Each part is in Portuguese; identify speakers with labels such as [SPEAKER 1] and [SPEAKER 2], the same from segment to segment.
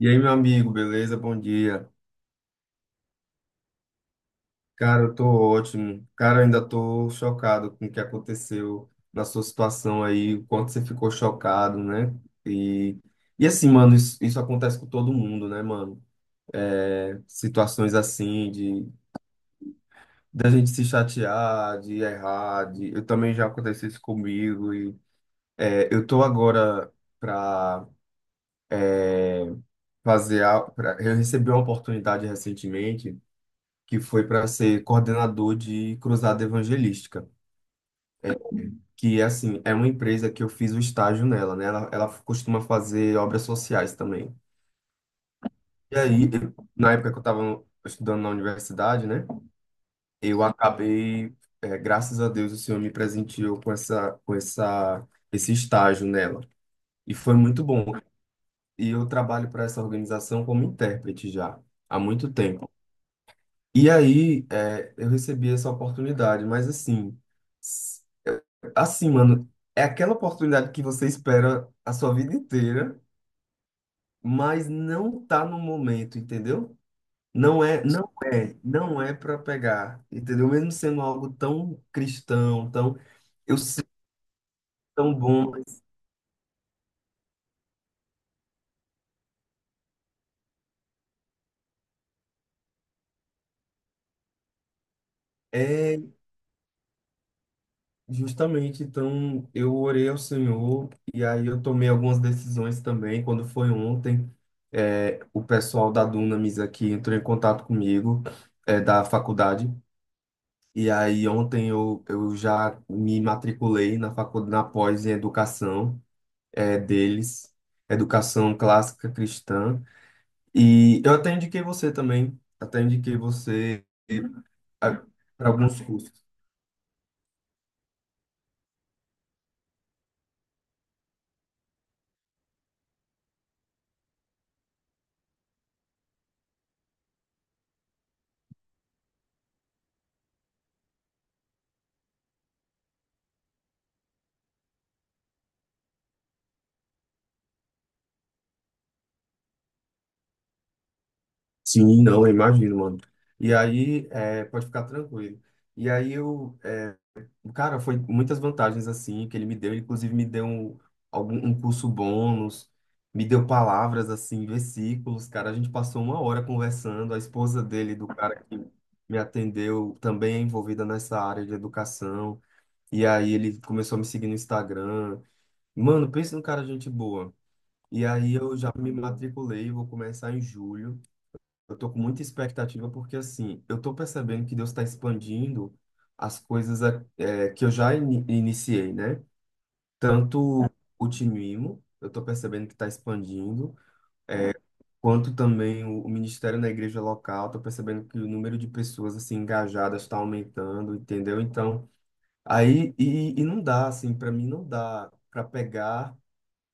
[SPEAKER 1] E aí, meu amigo, beleza? Bom dia. Cara, eu tô ótimo. Cara, eu ainda tô chocado com o que aconteceu na sua situação aí, o quanto você ficou chocado, né? E, e assim, mano, isso acontece com todo mundo, né, mano? É, situações assim de da gente se chatear, de errar, de, eu também já aconteceu isso comigo e é, eu tô agora pra fazer, pra, eu recebi uma oportunidade recentemente que foi para ser coordenador de Cruzada Evangelística, que é assim, é uma empresa que eu fiz o estágio nela, né? Ela costuma fazer obras sociais também. E aí, na época que eu estava estudando na universidade, né? Eu acabei, é, graças a Deus, o Senhor me presenteou com essa, esse estágio nela. E foi muito bom. E eu trabalho para essa organização como intérprete já há muito tempo. E aí, é, eu recebi essa oportunidade, mas assim, s- eu- assim, mano, é aquela oportunidade que você espera a sua vida inteira, mas não tá no momento, entendeu? Não é, não é, não é para pegar, entendeu? Mesmo sendo algo tão cristão, tão, eu sei, tão bom, mas é. Justamente, então eu orei ao Senhor e aí eu tomei algumas decisões também. Quando foi ontem, o pessoal da Dunamis aqui entrou em contato comigo, da faculdade. E aí ontem eu já me matriculei na faculdade, na pós em educação, deles, educação clássica cristã. E eu até indiquei você também, até indiquei você para alguns cursos. Sim, não, eu imagino, mano. E aí, é, pode ficar tranquilo. E aí eu, é, cara, foi muitas vantagens assim que ele me deu, ele inclusive me deu um, algum, um curso bônus, me deu palavras assim, versículos, cara, a gente passou uma hora conversando, a esposa dele, do cara que me atendeu, também é envolvida nessa área de educação, e aí ele começou a me seguir no Instagram. Mano, pensa num cara gente boa. E aí eu já me matriculei, vou começar em julho. Eu tô com muita expectativa porque, assim, eu tô percebendo que Deus está expandindo as coisas que eu já iniciei, né? Tanto o Timimo, eu tô percebendo que está expandindo, eh, quanto também o ministério na igreja local, tô percebendo que o número de pessoas, assim, engajadas está aumentando, entendeu? Então, aí, e não dá, assim, para mim não dá para pegar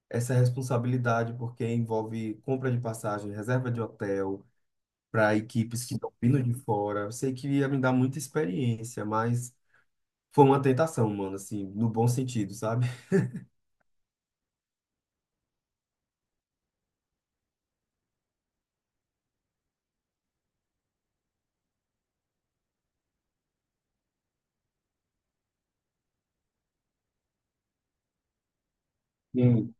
[SPEAKER 1] essa responsabilidade, porque envolve compra de passagem, reserva de hotel, para equipes que estão vindo de fora. Eu sei que ia me dar muita experiência, mas foi uma tentação, mano, assim, no bom sentido, sabe? Sim.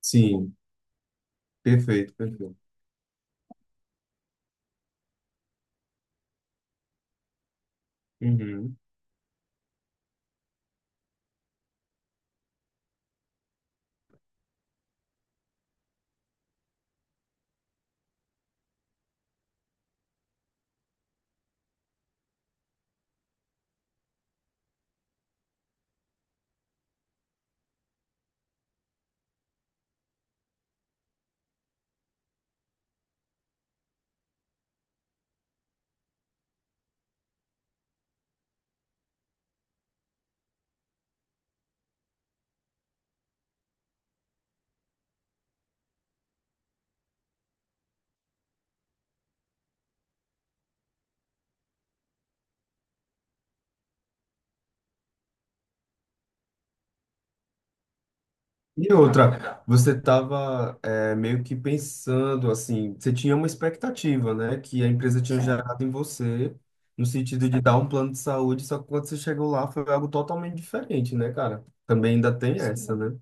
[SPEAKER 1] Sim, perfeito, perfeito. Uhum. E outra, você estava meio que pensando, assim, você tinha uma expectativa, né, que a empresa tinha gerado em você, no sentido de dar um plano de saúde, só que quando você chegou lá foi algo totalmente diferente, né, cara? Também ainda tem essa, né?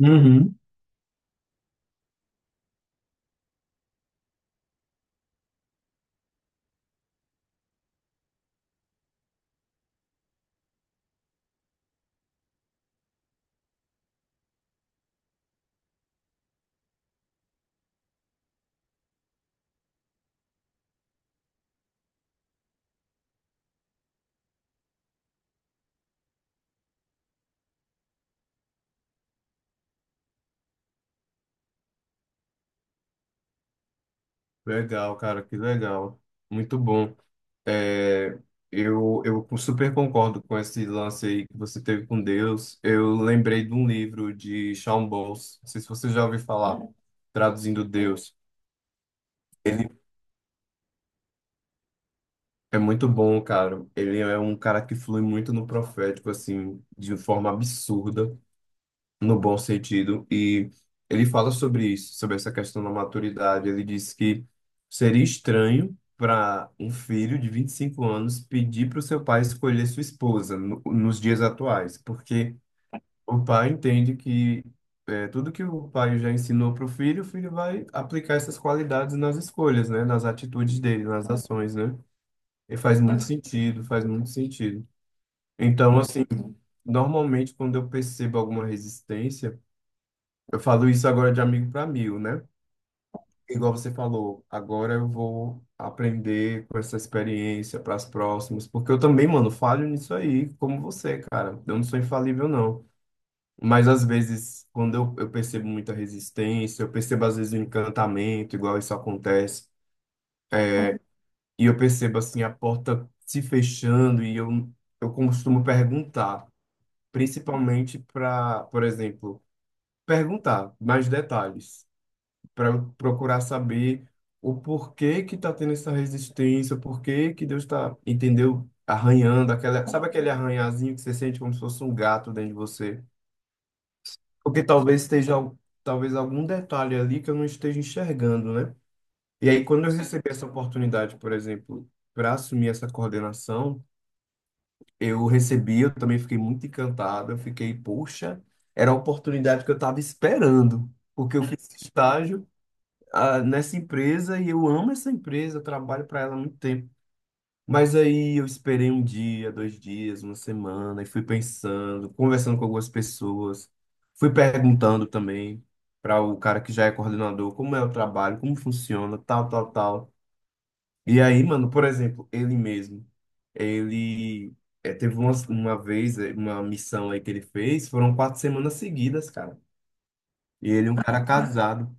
[SPEAKER 1] Uhum. Legal, cara, que legal. Muito bom. É, eu super concordo com esse lance aí que você teve com Deus. Eu lembrei de um livro de Shawn Bowles, não sei se você já ouviu falar, traduzindo Deus. Ele é muito bom, cara. Ele é um cara que flui muito no profético, assim, de forma absurda. No bom sentido, e ele fala sobre isso, sobre essa questão da maturidade. Ele diz que seria estranho para um filho de 25 anos pedir para o seu pai escolher sua esposa no, nos dias atuais, porque o pai entende que é, tudo que o pai já ensinou para o filho vai aplicar essas qualidades nas escolhas, né, nas atitudes dele, nas ações, né? E faz muito sentido, faz muito sentido. Então, assim, normalmente quando eu percebo alguma resistência, eu falo isso agora de amigo para amigo, né? Igual você falou, agora eu vou aprender com essa experiência para as próximas, porque eu também, mano, falho nisso aí, como você, cara. Eu não sou infalível, não. Mas às vezes, quando eu percebo muita resistência, eu percebo às vezes o encantamento, igual isso acontece, e eu percebo assim a porta se fechando, e eu costumo perguntar, principalmente para, por exemplo, perguntar mais detalhes, para procurar saber o porquê que está tendo essa resistência, o porquê que Deus está, entendeu? Arranhando aquela, sabe aquele arranhazinho que você sente como se fosse um gato dentro de você? Porque talvez esteja, talvez algum detalhe ali que eu não esteja enxergando, né? E aí, quando eu recebi essa oportunidade, por exemplo, para assumir essa coordenação, eu recebi, eu também fiquei muito encantado, eu fiquei, poxa, era a oportunidade que eu estava esperando, porque eu fiz estágio, ah, nessa empresa e eu amo essa empresa, eu trabalho para ela há muito tempo. Mas aí eu esperei um dia, dois dias, uma semana e fui pensando, conversando com algumas pessoas, fui perguntando também para o cara que já é coordenador como é o trabalho, como funciona, tal, tal, tal. E aí, mano, por exemplo, ele mesmo, ele teve uma vez, uma missão aí que ele fez, foram 4 semanas seguidas, cara. E ele é um cara casado.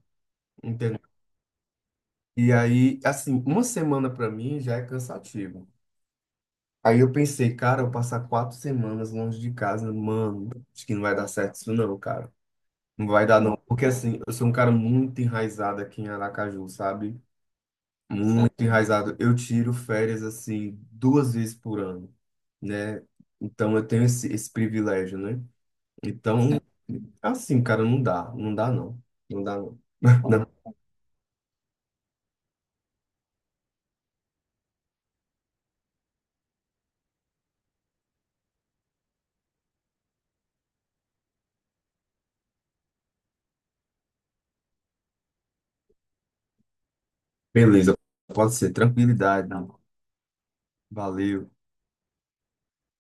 [SPEAKER 1] E aí, assim, uma semana pra mim já é cansativo. Aí eu pensei, cara, eu passar 4 semanas longe de casa, mano, acho que não vai dar certo isso não, cara. Não vai dar não, porque assim, eu sou um cara muito enraizado aqui em Aracaju, sabe? Muito enraizado. Eu tiro férias, assim, 2 vezes por ano, né? Então eu tenho esse, esse privilégio, né? Então, assim, cara, não dá, não dá não, não dá não. Não, beleza, pode ser, tranquilidade, não. Valeu.